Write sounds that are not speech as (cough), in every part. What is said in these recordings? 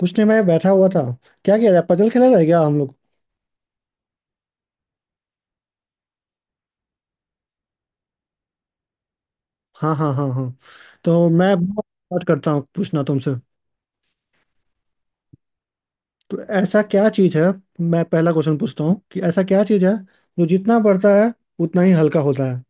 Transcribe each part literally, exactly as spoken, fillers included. कुछ नहीं, मैं बैठा हुआ था। क्या किया जाए? पजल खेला जाए क्या हम लोग? हाँ हाँ हाँ हाँ। तो मैं स्टार्ट करता हूँ पूछना तुमसे। तो ऐसा क्या चीज है, मैं पहला क्वेश्चन पूछता हूँ कि ऐसा क्या चीज है जो जितना बढ़ता है उतना ही हल्का होता है?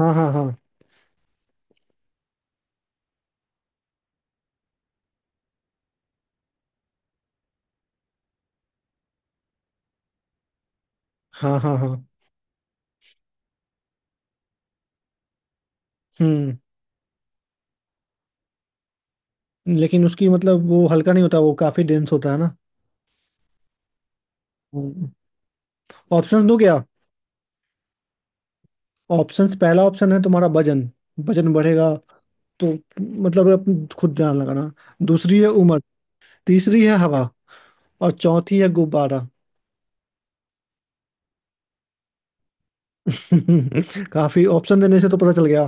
हाँ हाँ हाँ हाँ हाँ हाँ। हम्म लेकिन उसकी मतलब वो हल्का नहीं होता, वो काफी डेंस होता है ना। ऑप्शंस दो क्या? ऑप्शंस, पहला ऑप्शन है तुम्हारा वजन। वजन बढ़ेगा तो, मतलब अब खुद ध्यान लगाना। दूसरी है उम्र, तीसरी है हवा, और चौथी है गुब्बारा। (laughs) काफी ऑप्शन देने से तो पता चल गया।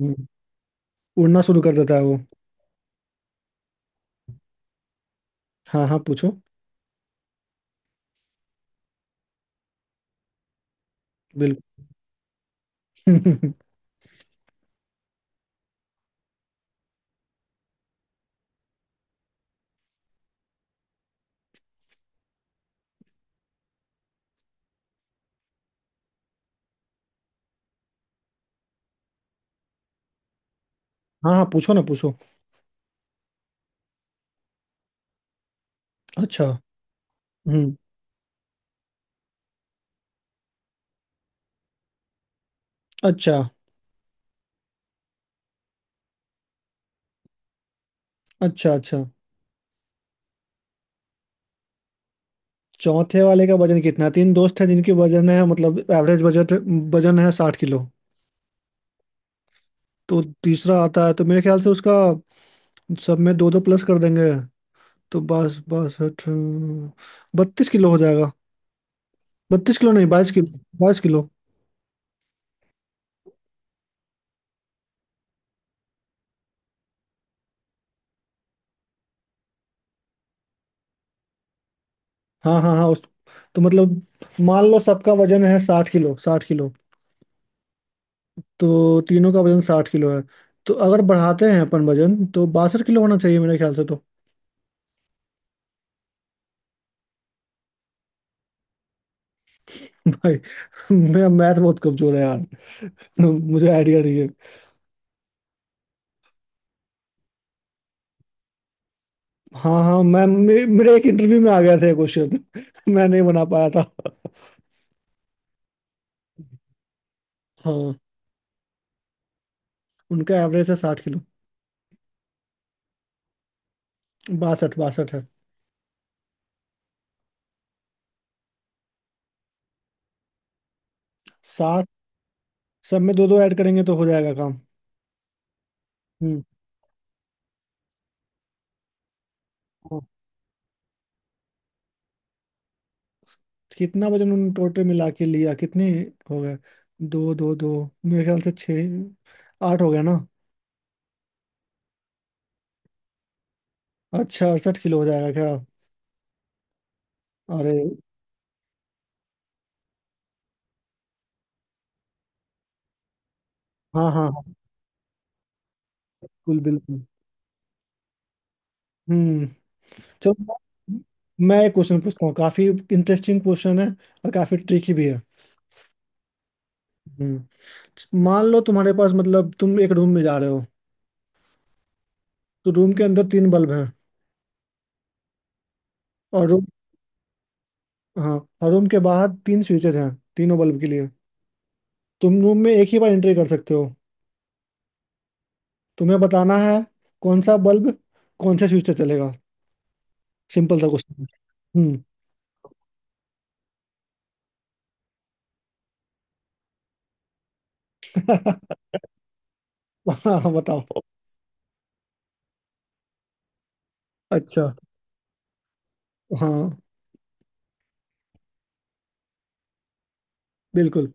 हम्म, उड़ना शुरू कर देता है वो। हाँ हाँ पूछो। बिल्कुल। (laughs) हाँ हाँ, पूछो ना, पूछो। अच्छा। हम्म। अच्छा, अच्छा, अच्छा। चौथे वाले का वजन कितना? तीन दोस्त हैं जिनकी वजन है, मतलब एवरेज बजट, वजन है साठ किलो। तो तीसरा आता है तो मेरे ख्याल से उसका सब में दो दो प्लस कर देंगे, तो बस बस बत्तीस किलो हो जाएगा। बत्तीस किलो नहीं, बाईस किलो। बाईस किलो। हाँ हाँ हाँ। उस, तो मतलब मान लो सबका वजन है साठ किलो, साठ किलो। तो तीनों का वजन साठ किलो है। तो अगर बढ़ाते हैं अपन वजन तो बासठ किलो होना चाहिए मेरे ख्याल से तो। (laughs) भाई मेरा मैथ बहुत कमजोर है यार, तो मुझे आइडिया नहीं है। हाँ हाँ, मैं मे, मेरे एक इंटरव्यू में आ गया था क्वेश्चन। (laughs) मैं नहीं बना पाया था। (laughs) हाँ। उनका एवरेज है साठ किलो। बासठ बासठ है। साठ। सब में दो दो ऐड करेंगे तो हो जाएगा काम। हम्म। कितना वजन उन्होंने टोटल मिला के लिया? कितने हो गए? दो दो दो, मेरे ख्याल से छः आठ हो गया ना। अच्छा, अड़सठ किलो हो जाएगा क्या? अरे। हाँ हाँ हाँ। बिल्कुल, बिल्कुल। हम्म। चलो। मैं मैं एक क्वेश्चन पूछता हूँ, काफी इंटरेस्टिंग क्वेश्चन है और काफी ट्रिकी भी है। हम्म मान लो तुम्हारे पास, मतलब तुम एक रूम में जा रहे हो। तो रूम के अंदर तीन बल्ब हैं। और रूम हाँ। और रूम के बाहर तीन स्विचेज हैं, तीनों बल्ब के लिए। तुम रूम में एक ही बार एंट्री कर सकते हो। तुम्हें बताना है कौन सा बल्ब कौन से स्विच से चलेगा। सिंपल सा क्वेश्चन। हम्म। (laughs) हाँ, बताओ। अच्छा। हाँ। बिल्कुल।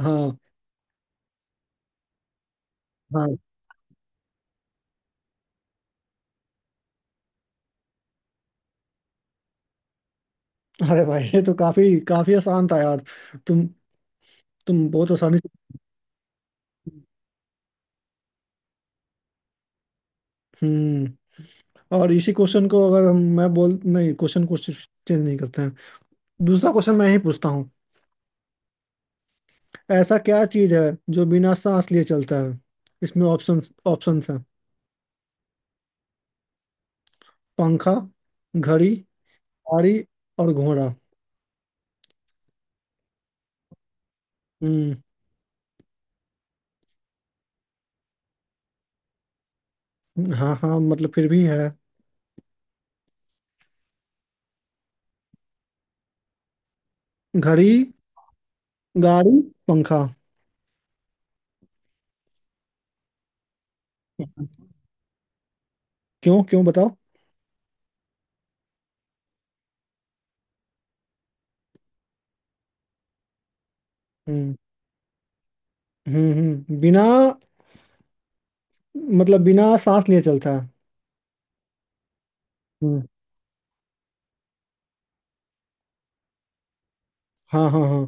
हाँ हाँ। अरे भाई ये तो काफी काफी आसान था यार। तुम तुम बहुत आसानी से। हम्म। और इसी क्वेश्चन को, अगर हम, मैं बोल नहीं, क्वेश्चन को चेंज नहीं करते हैं, दूसरा क्वेश्चन मैं ही पूछता हूँ। ऐसा क्या चीज है जो बिना सांस लिए चलता है? इसमें ऑप्शंस, ऑप्शंस हैं। पंखा, घड़ी, गाड़ी, और घोड़ा। हम्म। हाँ हाँ, मतलब फिर भी है। घड़ी, गाड़ी, पंखा। क्यों? क्यों बताओ। हम्म हम्म हम्म। बिना, मतलब बिना सांस लिए चलता है। हम्म। हाँ हाँ हाँ।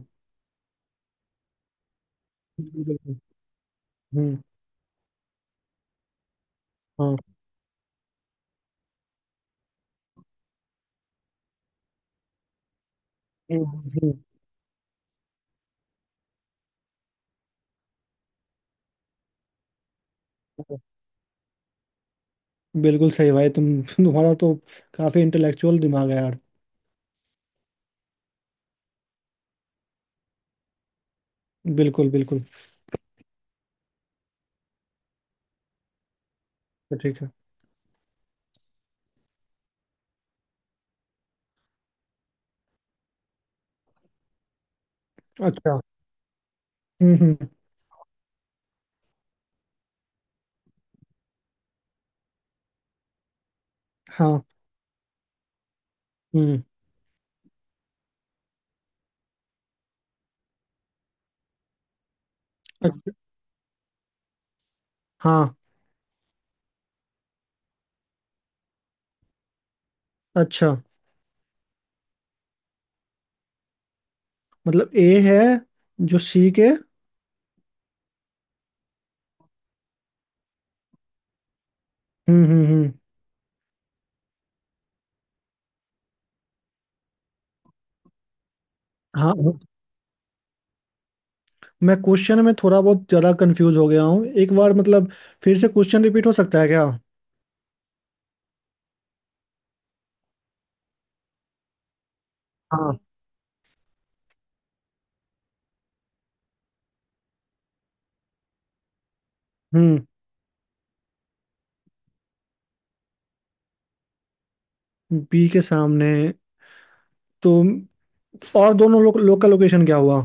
बिल्कुल, बिल्कुल। हम्म। हाँ। हम्म, हम्म। बिल्कुल सही भाई, तुम तुम्हारा तो काफी इंटेलेक्चुअल दिमाग है यार। बिल्कुल बिल्कुल। तो ठीक है। अच्छा। हम्म हम्म। हाँ। हम्म। अच्छा, हाँ। अच्छा, मतलब ए है जो सी के। हम्म हम्म हम्म। हाँ। मैं क्वेश्चन में थोड़ा बहुत ज्यादा कंफ्यूज हो गया हूँ एक बार, मतलब फिर से क्वेश्चन रिपीट हो सकता है क्या? हाँ। हम्म। बी के सामने तो, और दोनों लोग लोकल लोकेशन क्या हुआ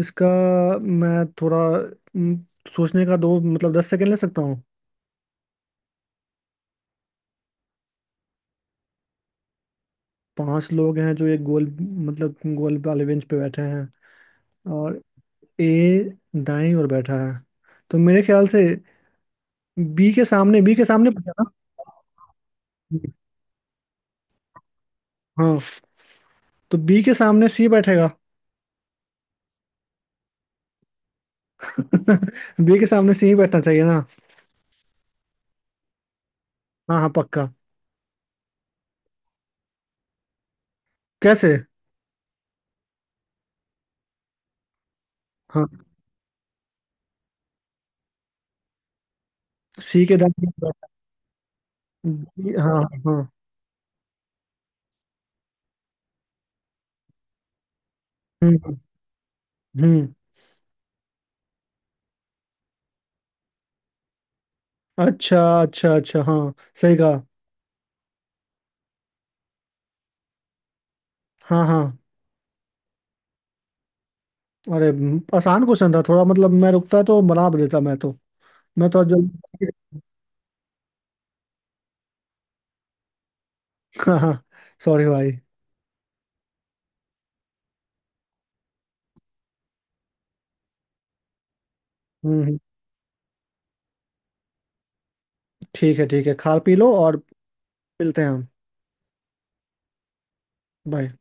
इसका? मैं थोड़ा हम्म, सोचने का दो, मतलब दस सेकंड ले सकता हूँ। पांच लोग हैं जो एक गोल, मतलब गोल वाले बेंच पे बैठे हैं। और ए दाईं ओर बैठा है, तो मेरे ख्याल से बी के सामने, बी के सामने पूछा ना? हाँ। तो बी के सामने सी बैठेगा। (laughs) बी के सामने सी ही बैठना चाहिए ना? हाँ हाँ पक्का। कैसे? हाँ। सी के दांत नहीं बैठा। B- हाँ हाँ हाँ। हम्म हम्म। अच्छा, अच्छा, अच्छा। हाँ, सही कहा। हाँ हाँ। अरे, हम्म, आसान क्वेश्चन था थोड़ा, मतलब मैं रुकता तो बना भी देता, मैं तो। मैं तो जल्दी। (laughs) हाँ हाँ। सॉरी भाई। हम्म हम्म, ठीक है, ठीक है। खा पी लो और मिलते हैं हम। बाय।